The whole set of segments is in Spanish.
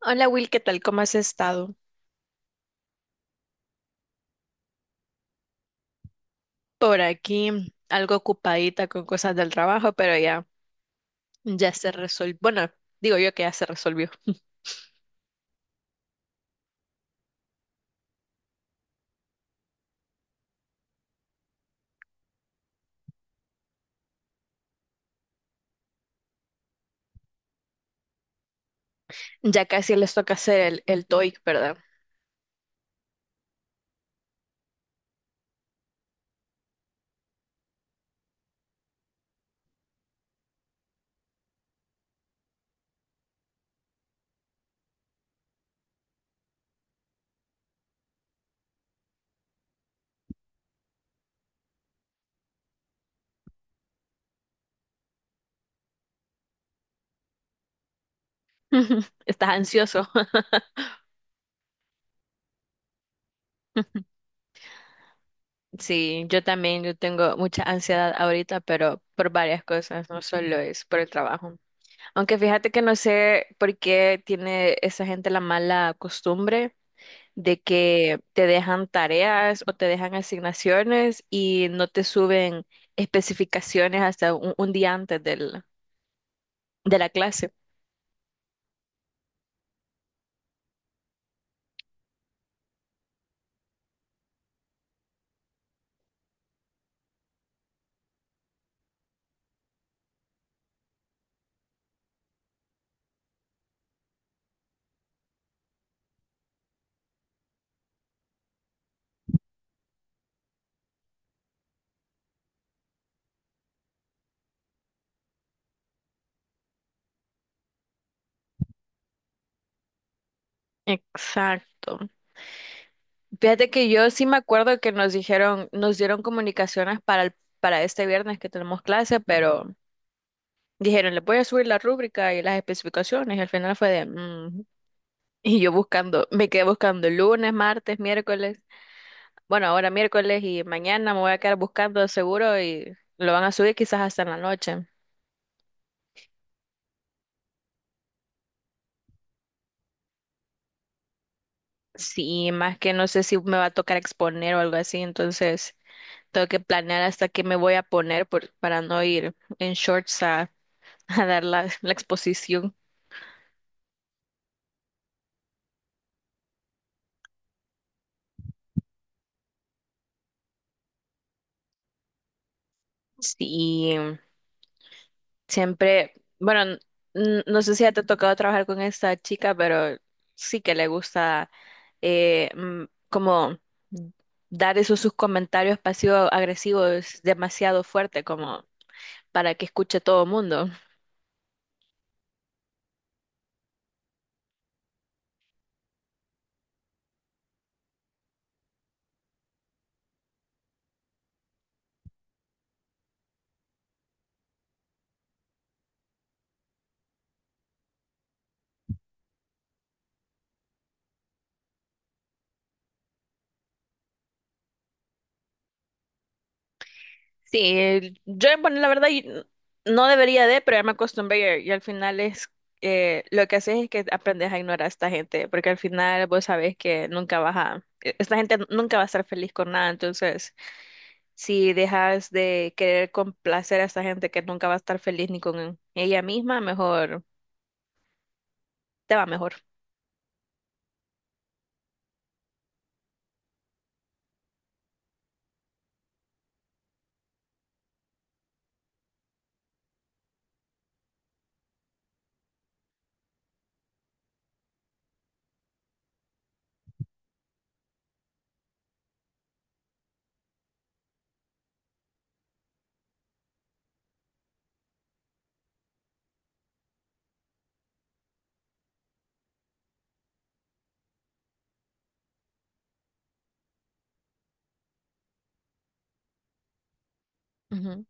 Hola Will, ¿qué tal? ¿Cómo has estado? Por aquí, algo ocupadita con cosas del trabajo, pero ya, ya se resolvió. Bueno, digo yo que ya se resolvió. Ya casi les toca hacer el TOEIC, ¿verdad? ¿Estás ansioso? Sí, yo también, yo tengo mucha ansiedad ahorita, pero por varias cosas, no solo es por el trabajo. Aunque fíjate que no sé por qué tiene esa gente la mala costumbre de que te dejan tareas o te dejan asignaciones y no te suben especificaciones hasta un día de la clase. Exacto. Fíjate que yo sí me acuerdo que nos dijeron, nos dieron comunicaciones para este viernes que tenemos clase, pero dijeron, les voy a subir la rúbrica y las especificaciones. Y al final fue de, "Mm". Y yo buscando, me quedé buscando lunes, martes, miércoles. Bueno, ahora miércoles y mañana me voy a quedar buscando de seguro y lo van a subir quizás hasta en la noche. Sí, más que no sé si me va a tocar exponer o algo así, entonces tengo que planear hasta qué me voy a poner para no ir en shorts a, a dar la exposición. Sí, siempre, bueno, no sé si ya te ha tocado trabajar con esta chica, pero sí que le gusta como dar esos sus comentarios pasivo-agresivos demasiado fuerte como para que escuche todo el mundo. Sí, yo, bueno, la verdad, no debería de, pero ya me acostumbré y al final es, lo que haces es que aprendes a ignorar a esta gente, porque al final vos sabés que nunca esta gente nunca va a estar feliz con nada, entonces... Si dejas de querer complacer a esa gente que nunca va a estar feliz ni con ella misma, mejor te va mejor. Ujú.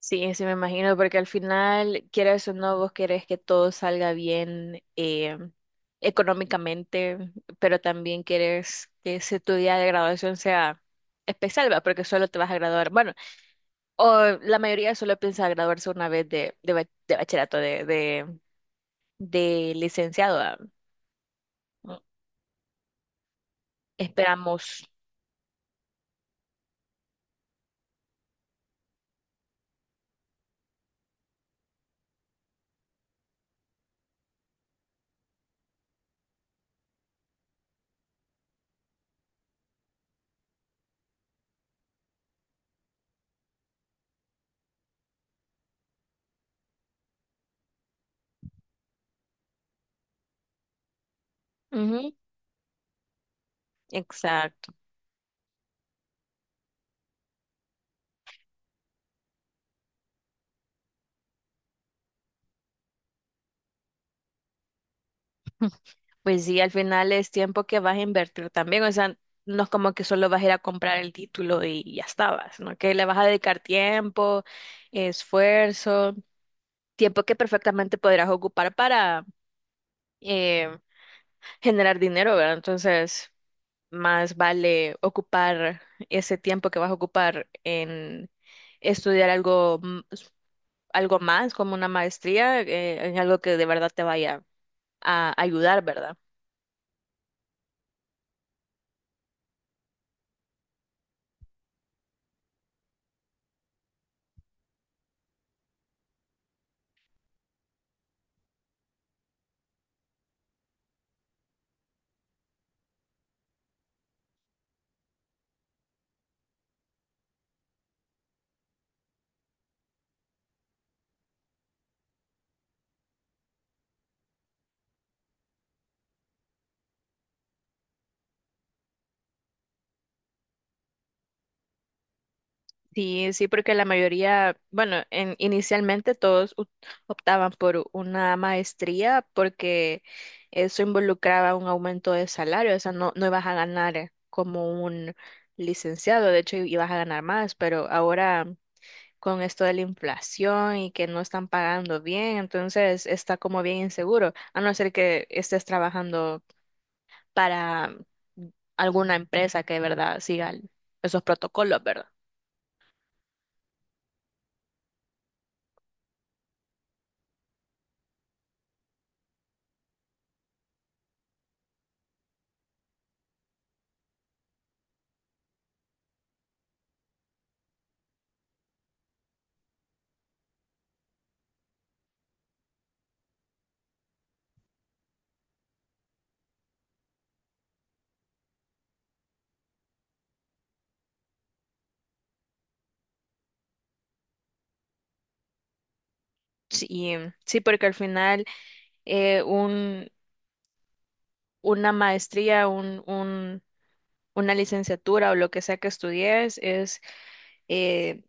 Sí, sí me imagino, porque al final, quieras o no, vos querés que todo salga bien económicamente, pero también quieres que ese tu día de graduación sea especial, ¿va? Porque solo te vas a graduar. Bueno, o la mayoría solo piensa graduarse una vez de bachillerato, de licenciado. ¿Va? Esperamos. Exacto. Pues sí, al final es tiempo que vas a invertir también. O sea, no es como que solo vas a ir a comprar el título y ya estabas, ¿no? Que le vas a dedicar tiempo, esfuerzo, tiempo que perfectamente podrás ocupar para eh, generar dinero, ¿verdad? Entonces, más vale ocupar ese tiempo que vas a ocupar en estudiar algo, algo más, como una maestría, en algo que de verdad te vaya a ayudar, ¿verdad? Sí, sí, porque la mayoría, bueno, inicialmente optaban por una maestría porque eso involucraba un aumento de salario, o sea, no ibas a ganar como un licenciado, de hecho ibas a ganar más, pero ahora con esto de la inflación y que no están pagando bien, entonces está como bien inseguro, a no ser que estés trabajando para alguna empresa que de verdad siga esos protocolos, ¿verdad? Sí, sí, porque al final eh, un, una maestría, una licenciatura o lo que sea que estudies es, eh,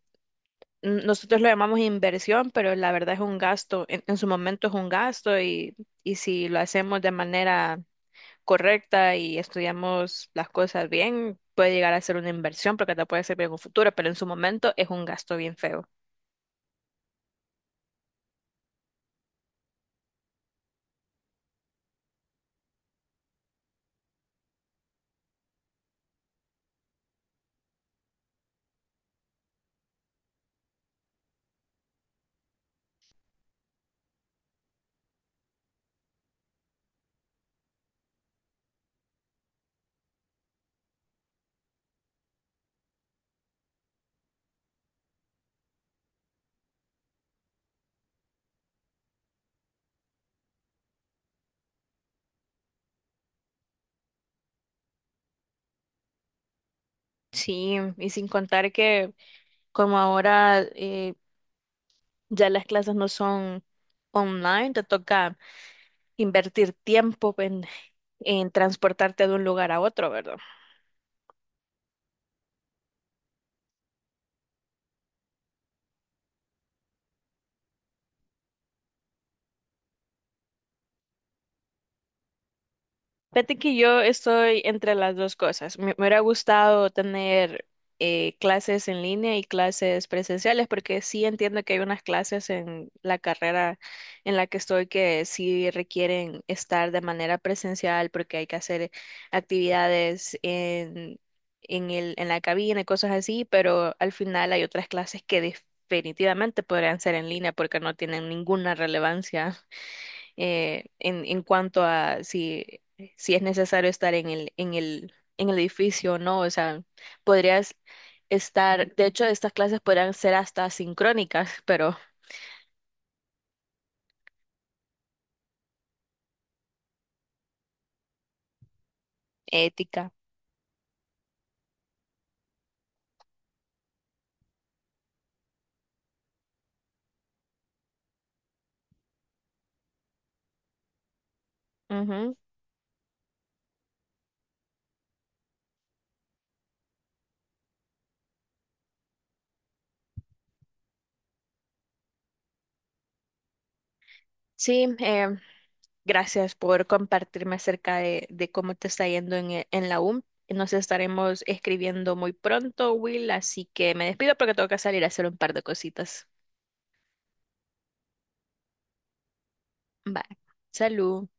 nosotros lo llamamos inversión, pero la verdad es un gasto, en su momento es un gasto y si lo hacemos de manera correcta y estudiamos las cosas bien, puede llegar a ser una inversión porque te puede servir en un futuro, pero en su momento es un gasto bien feo. Sí, y sin contar que... Como ahora ya las clases no son online, te toca invertir tiempo en transportarte de un lugar a otro, ¿verdad? Fíjate que yo estoy entre las dos cosas. Me hubiera gustado tener clases en línea y clases presenciales, porque sí entiendo que hay unas clases en la carrera en la que estoy que sí requieren estar de manera presencial, porque hay que hacer actividades en la cabina y cosas así, pero al final hay otras clases que definitivamente podrían ser en línea porque no tienen ninguna relevancia en cuanto a si, si es necesario estar en el edificio o no. O sea, podrías estar, de hecho, estas clases podrían ser hasta sincrónicas, pero ética. Ujú. Sí, gracias por compartirme acerca de cómo te está yendo en, en la U. Nos estaremos escribiendo muy pronto, Will, así que me despido porque tengo que salir a hacer un par de cositas. Bye. Salud.